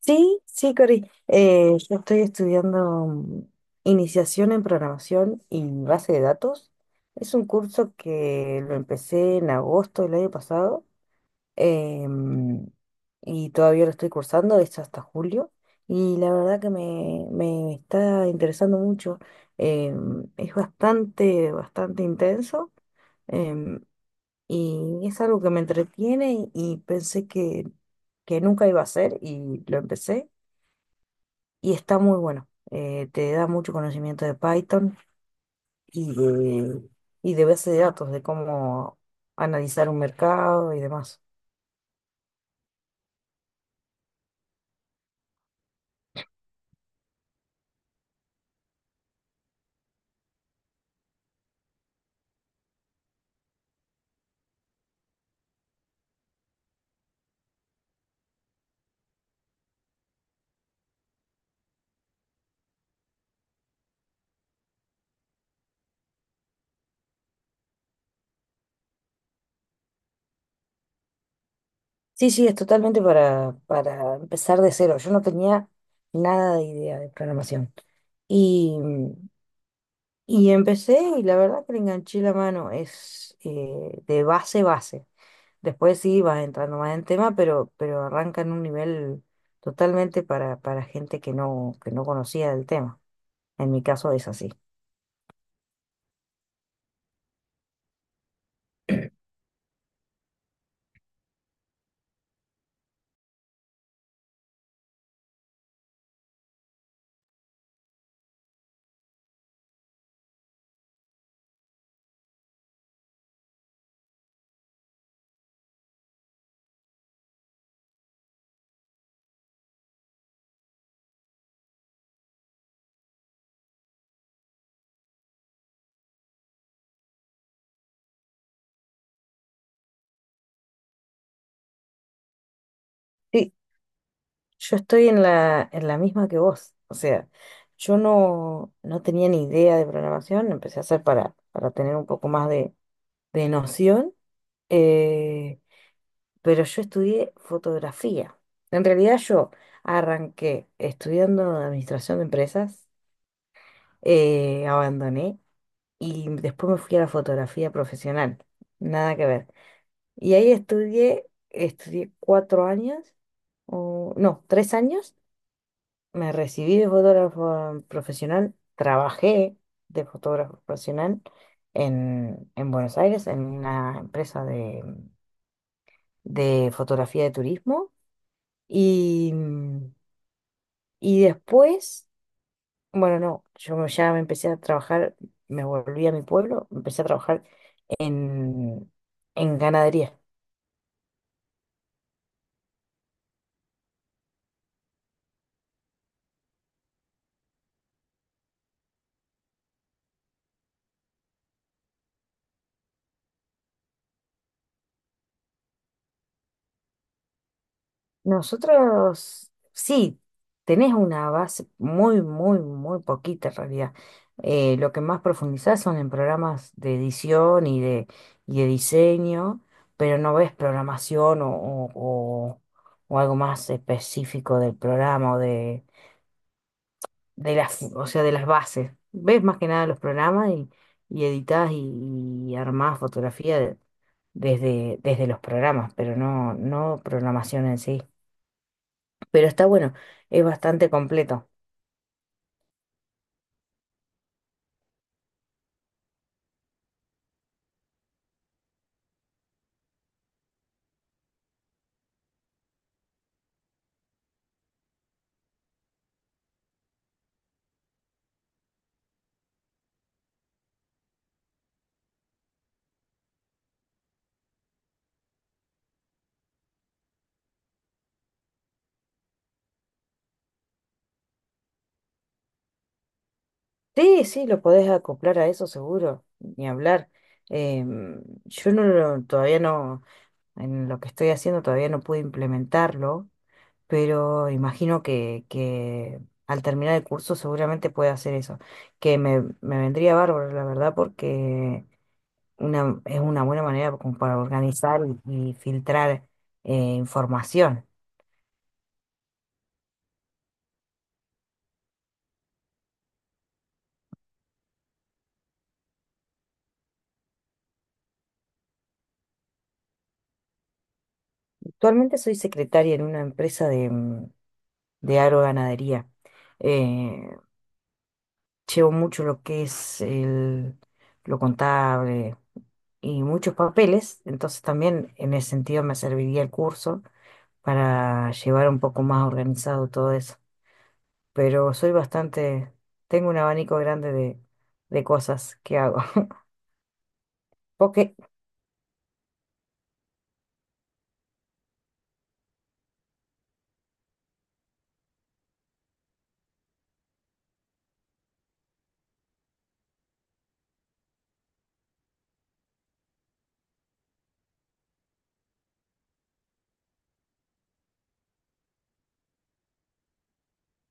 Sí, sí, Cori. Yo estoy estudiando iniciación en programación y base de datos. Es un curso que lo empecé en agosto del año pasado, em, y todavía lo estoy cursando, es hasta julio. Y la verdad que me está interesando mucho. Es bastante intenso, em, y es algo que me entretiene y pensé que nunca iba a hacer y lo empecé y está muy bueno. Te da mucho conocimiento de Python y de, y de base de datos, de cómo analizar un mercado y demás. Sí, sí, es totalmente para empezar de cero. Yo no tenía nada de idea de programación. Y, y empecé y la verdad que le enganché la mano. Es de base. Después sí vas entrando más en tema, pero arranca en un nivel totalmente para gente que que no conocía el tema. En mi caso es así. Sí, yo estoy en en la misma que vos. O sea, yo no tenía ni idea de programación, empecé a hacer para tener un poco más de noción, eh, pero yo estudié fotografía. En realidad yo arranqué estudiando administración de empresas, abandoné y después me fui a la fotografía profesional. Nada que ver. Y ahí estudié cuatro años, no, tres años. Me recibí de fotógrafo profesional, trabajé de fotógrafo profesional en Buenos Aires, en una empresa de fotografía de turismo. Y, y después, bueno, no, yo ya me empecé a trabajar, me volví a mi pueblo, empecé a trabajar en, en ganadería. Nosotros sí, tenés una base muy poquita en realidad. Lo que más profundizás son en programas de edición y de diseño, pero no ves programación o algo más específico del programa de o sea, de las bases. Ves más que nada los programas y editás y armás fotografía desde los programas, pero no programación en sí. Pero está bueno, es bastante completo. Sí, sí, lo podés acoplar a eso seguro, ni hablar. Yo no lo- todavía no, en lo que estoy haciendo todavía no pude implementarlo, pero imagino que al terminar el curso seguramente puede hacer eso, que me vendría bárbaro, la verdad, porque es una buena manera como para organizar y filtrar información. Actualmente soy secretaria en una empresa de agroganadería. Eh, Llevo mucho lo que es lo contable y muchos papeles, entonces también en ese sentido me serviría el curso para llevar un poco más organizado todo eso. Pero soy bastante, tengo un abanico grande de cosas que hago. Porque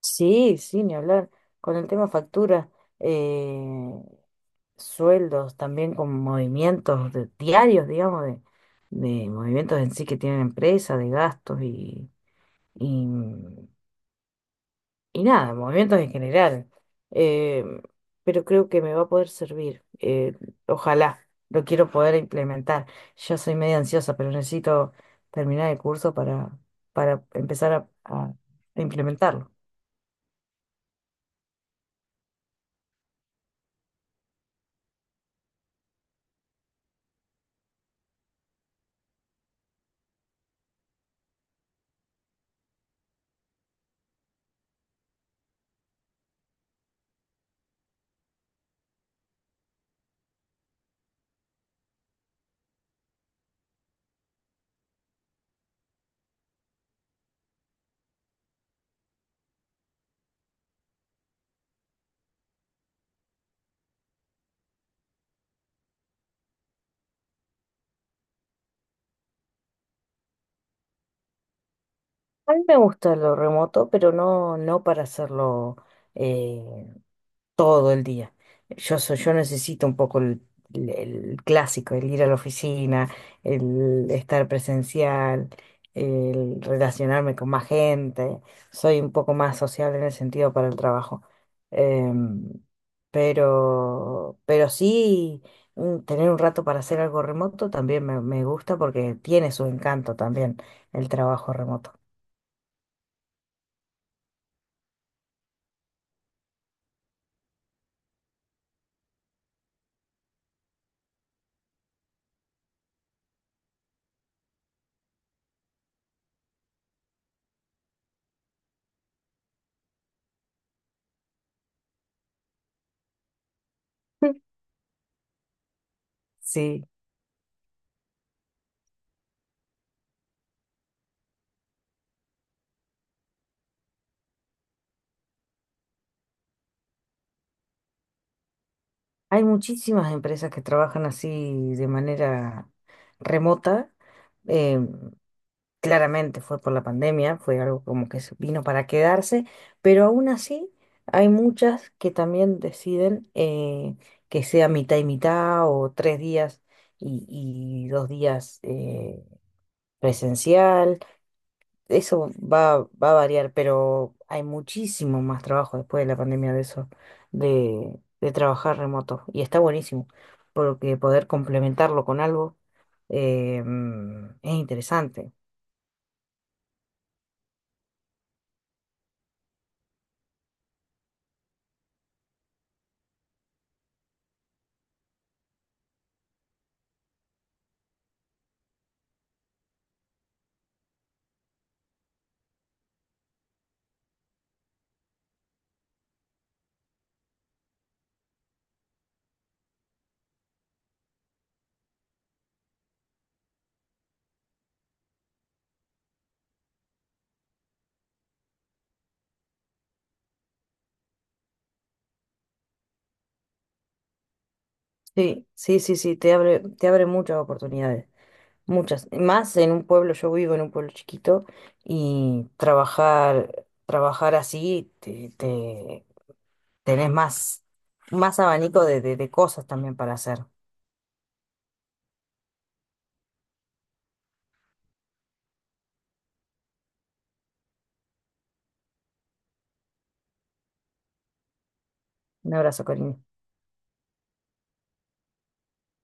sí, sí, ni hablar. Con el tema factura, eh, sueldos, también con movimientos diarios, digamos, de movimientos en sí que tienen empresa de gastos y, y nada, movimientos en general. Eh, pero creo que me va a poder servir. Ojalá, lo quiero poder implementar. Ya soy medio ansiosa, pero necesito terminar el curso para empezar a implementarlo. A mí me gusta lo remoto, pero no, no para hacerlo. eh, todo el día. Yo necesito un poco el clásico, el ir a la oficina, el estar presencial, el relacionarme con más gente. Soy un poco más social en el sentido para el trabajo. Em, pero sí, tener un rato para hacer algo remoto también me gusta porque tiene su encanto también el trabajo remoto. Sí. Hay muchísimas empresas que trabajan así de manera remota. Eh, claramente fue por la pandemia, fue algo como que se vino para quedarse, pero aún así hay muchas que también deciden que sea mitad y mitad o tres días y, y dos días, presencial. Eso va a variar, pero hay muchísimo más trabajo después de la pandemia de eso, de trabajar remoto. Y está buenísimo, porque poder complementarlo con algo, es interesante. Sí, sí, sí, sí, te te abre muchas oportunidades, muchas. Más en un pueblo, yo vivo en un pueblo chiquito y trabajar así, tenés más abanico de cosas también para hacer. Un abrazo, Corina.